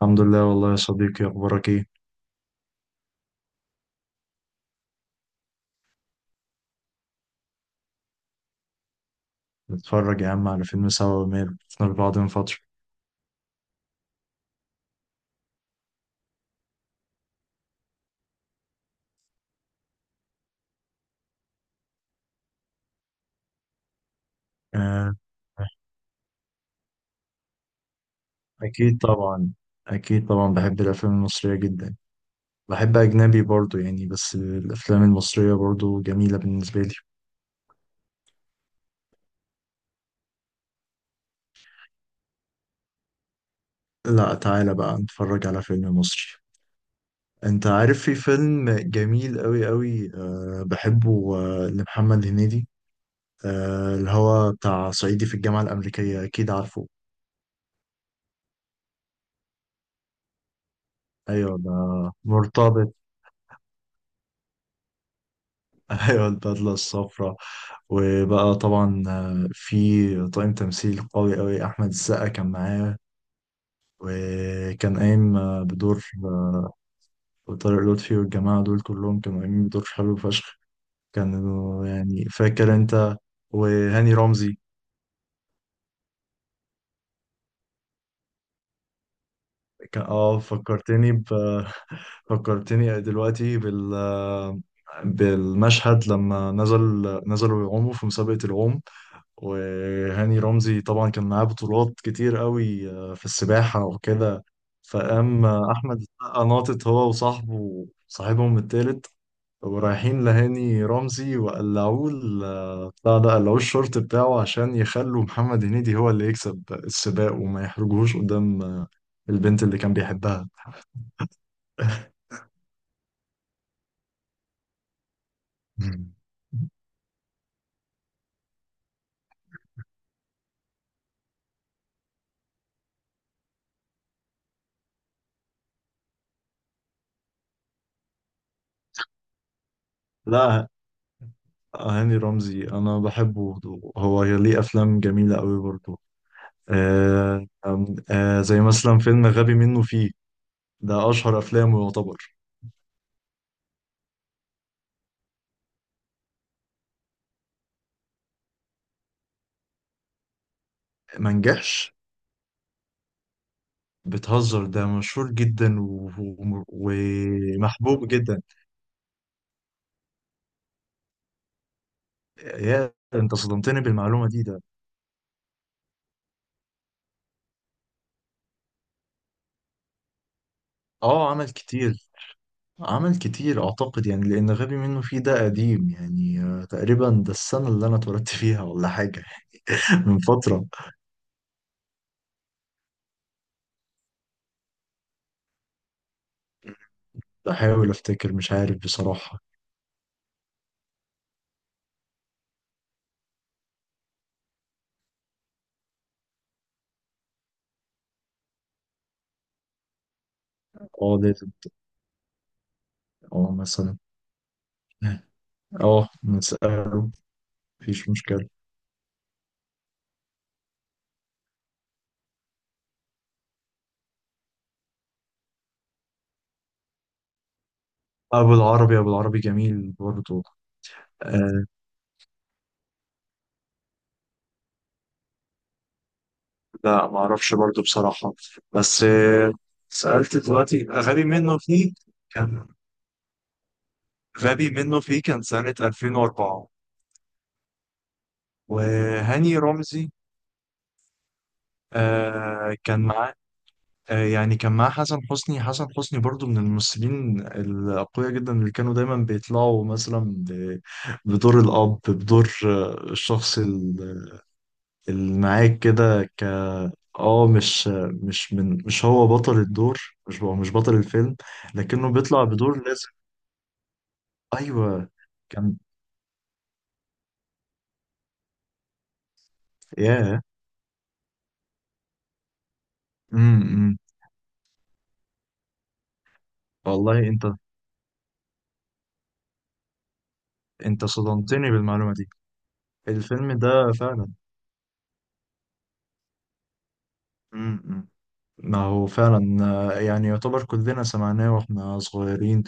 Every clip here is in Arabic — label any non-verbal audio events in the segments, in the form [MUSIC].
الحمد لله والله يا صديقي، أخبارك إيه؟ نتفرج يا عم على فيلم سوا، ومال شفنا لبعض من فترة. آه، أكيد طبعا. أكيد طبعا، بحب الأفلام المصرية جدا. بحب أجنبي برضو يعني، بس الأفلام المصرية برضو جميلة بالنسبة لي. لا، تعالى بقى نتفرج على فيلم مصري. أنت عارف في فيلم جميل أوي أوي، بحبه، لمحمد هنيدي. اللي هو بتاع صعيدي في الجامعة الأمريكية، أكيد عارفه. أيوه، ده مرتبط. [LAUGHS] أيوه، البدلة الصفراء. وبقى طبعا، في طاقم تمثيل قوي قوي، احمد السقا كان معاه. وكان قايم بدور طارق لطفي، والجماعه دول كلهم كانوا قايمين بدور حلو فشخ. كانوا يعني، فاكر انت؟ وهاني رمزي. كان فكرتني ب... فكرتني دلوقتي بالمشهد لما نزل. نزلوا يعوموا في مسابقة العوم، وهاني رمزي طبعا كان معاه بطولات كتير قوي في السباحة وكده. فقام أحمد السقا ناطط هو وصاحبه صاحبهم التالت، ورايحين لهاني رمزي وقلعوه ال- آه، بتاع ده قلعوه الشورت بتاعه عشان يخلوا محمد هنيدي هو اللي يكسب السباق وما يحرجوهوش قدام البنت اللي كان بيحبها. [LAUGHS] لا، هاني رمزي أنا بحبه. هو ليه أفلام جميلة قوي برضه. زي مثلا فيلم غبي منه فيه. ده أشهر أفلامه يعتبر. ما نجحش؟ بتهزر، ده مشهور جدا ومحبوب جدا. يا أنت صدمتني بالمعلومة دي، ده عمل كتير. عمل كتير أعتقد، يعني لأن غبي منه فيه ده قديم يعني، تقريبا ده السنة اللي أنا اتولدت [LAUGHS] فيها ولا حاجة. [LAUGHS] من فترة. بحاول أفتكر، مش عارف بصراحة. آه، لازم. آه، مثلا. آه. آه، نسأله. مفيش مشكلة. ابو العربي، ابو العربي جميل برضه. آه لا، ما اعرفش برضه بصراحه. بس، سالت دلوقتي كان غبي منه فيه كان سنه 2004. وهاني رمزي آه كان معاه كان معاه حسن حسني برضه من الممثلين الاقوياء جدا اللي كانوا دايما بيطلعوا مثلا بدور الاب، بدور الشخص اللي معاك كده، ك اه مش مش من مش هو بطل الدور. مش بطل الفيلم، لكنه بيطلع بدور لازم. ايوه كان. ياه. إمم. والله انت. انت صدمتني بالمعلومه دي. الفيلم ده فعلا. إمم. ما هو فعلا، يعني يعتبر كلنا سمعناه واحنا صغيرين،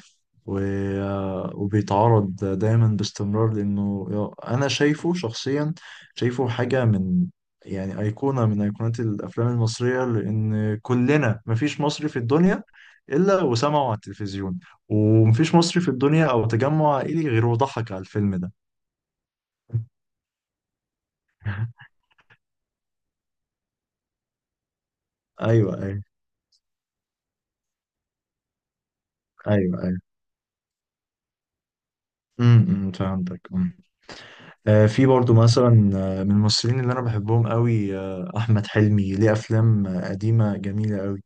و... آه، وبيتعرض دايما باستمرار لانه انا شايفه شخصيا. شايفه حاجة من، يعني أيقونة من أيقونات الأفلام المصرية، لأن كلنا مفيش مصري في الدنيا إلا وسمعه على التلفزيون. ومفيش مصري في الدنيا أو تجمع عائلي غير وضحك على الفيلم ده. [LAUGHS] أيوه أيوه، أيوه أيوه. أمم، أمم، فهمتك. في برضو مثلا، من الممثلين اللي انا بحبهم قوي، احمد حلمي ليه افلام قديمه جميله قوي.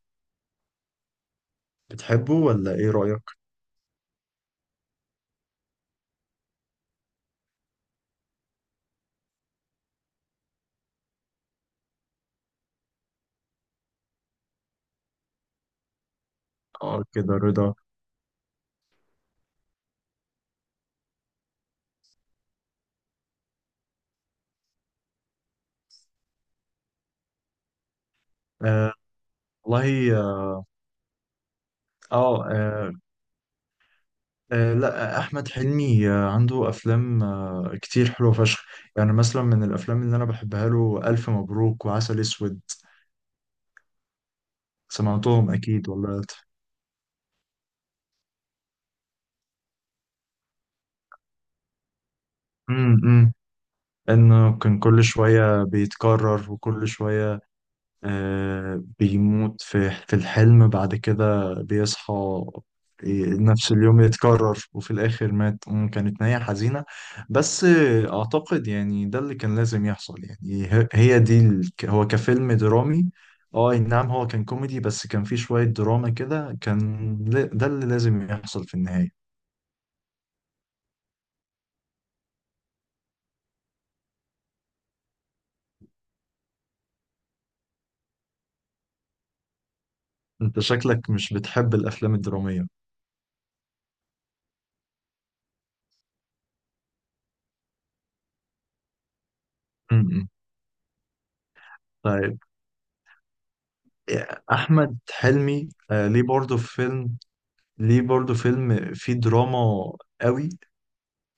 بتحبه ولا ايه رايك؟ اه، كده رضا. آه، والله اه. آه، آه، لا، آه، احمد حلمي عنده افلام كتير حلوه فشخ. يعني مثلا من الافلام اللي انا بحبها له، الف مبروك وعسل اسود. سمعتهم اكيد ولا؟ امم. انه كان كل شويه بيتكرر، وكل شويه بيموت في الحلم، بعد كده بيصحى. نفس اليوم يتكرر وفي الآخر مات. كانت نهاية حزينة. بس أعتقد يعني ده اللي كان لازم يحصل. يعني ه- هي دي ال- ك- هو كفيلم درامي. اه، أي نعم، هو كان كوميدي بس كان فيه شوية دراما كده، كان ده اللي لازم يحصل في النهاية. انت شكلك مش بتحب الأفلام الدرامية؟ م- م. طيب. أحمد حلمي ليه برضه فيلم، ليه برضو فيلم فيه دراما قوي.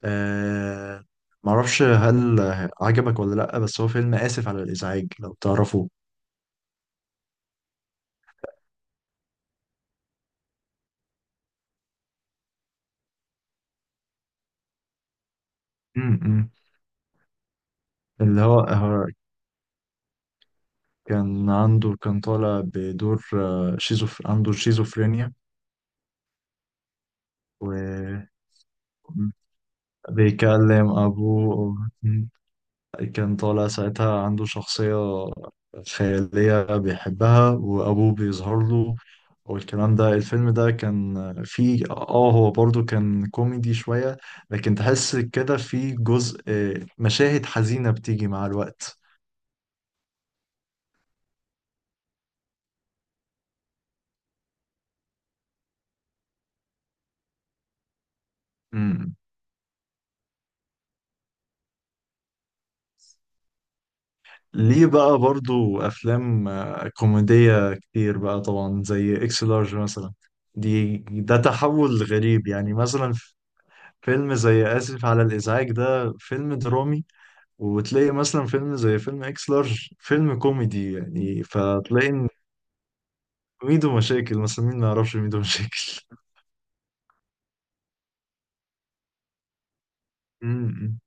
آه، معرفش هل عجبك ولا لأ، بس هو فيلم آسف على الإزعاج، لو تعرفه. م-م. اللي هو كان طالع بدور عنده شيزوفرينيا، وبيكلم أبوه. م. كان طالع ساعتها عنده شخصية خيالية بيحبها، وأبوه بيظهر له والكلام ده. الفيلم ده كان فيه، هو برضو كان كوميدي شوية، لكن تحس كده فيه جزء، مشاهد حزينة بتيجي مع الوقت. امم. ليه بقى برضو أفلام كوميدية كتير بقى طبعا زي إكس لارج مثلا. دي ده تحول غريب يعني، مثلا فيلم زي آسف على الإزعاج ده فيلم درامي، وتلاقي مثلا فيلم زي فيلم إكس لارج فيلم كوميدي، يعني فتلاقي. ميدو مشاكل مثلا، مين ما يعرفش ميدو مشاكل؟ امم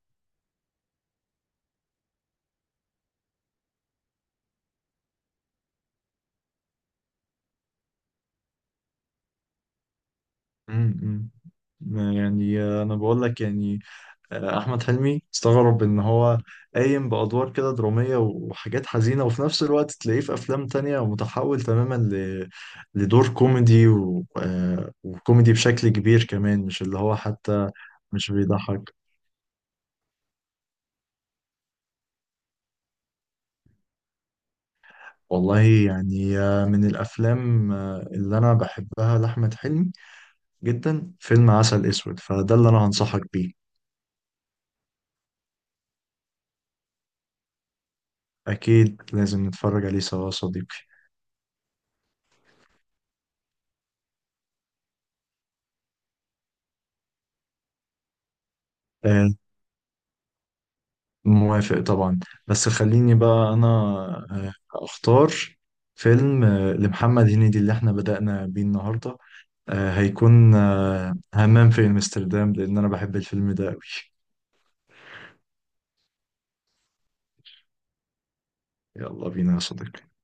امم. ما يعني انا بقول لك يعني، احمد حلمي استغرب ان هو قايم بادوار كده دراميه وحاجات حزينه، وفي نفس الوقت تلاقيه في افلام تانية متحول تماما لدور كوميدي، و... آه، وكوميدي بشكل كبير كمان، مش اللي هو حتى مش بيضحك. والله يعني، من الافلام اللي انا بحبها لاحمد حلمي جدا فيلم عسل اسود، فده اللي انا هنصحك بيه. أكيد لازم نتفرج عليه سوا يا صديقي. آه، موافق طبعا. بس خليني بقى أنا آه، أختار فيلم لمحمد هنيدي اللي احنا بدأنا بيه النهاردة. هيكون همام في أمستردام، لأن أنا بحب الفيلم ده أوي. يلا بينا يا صديقي.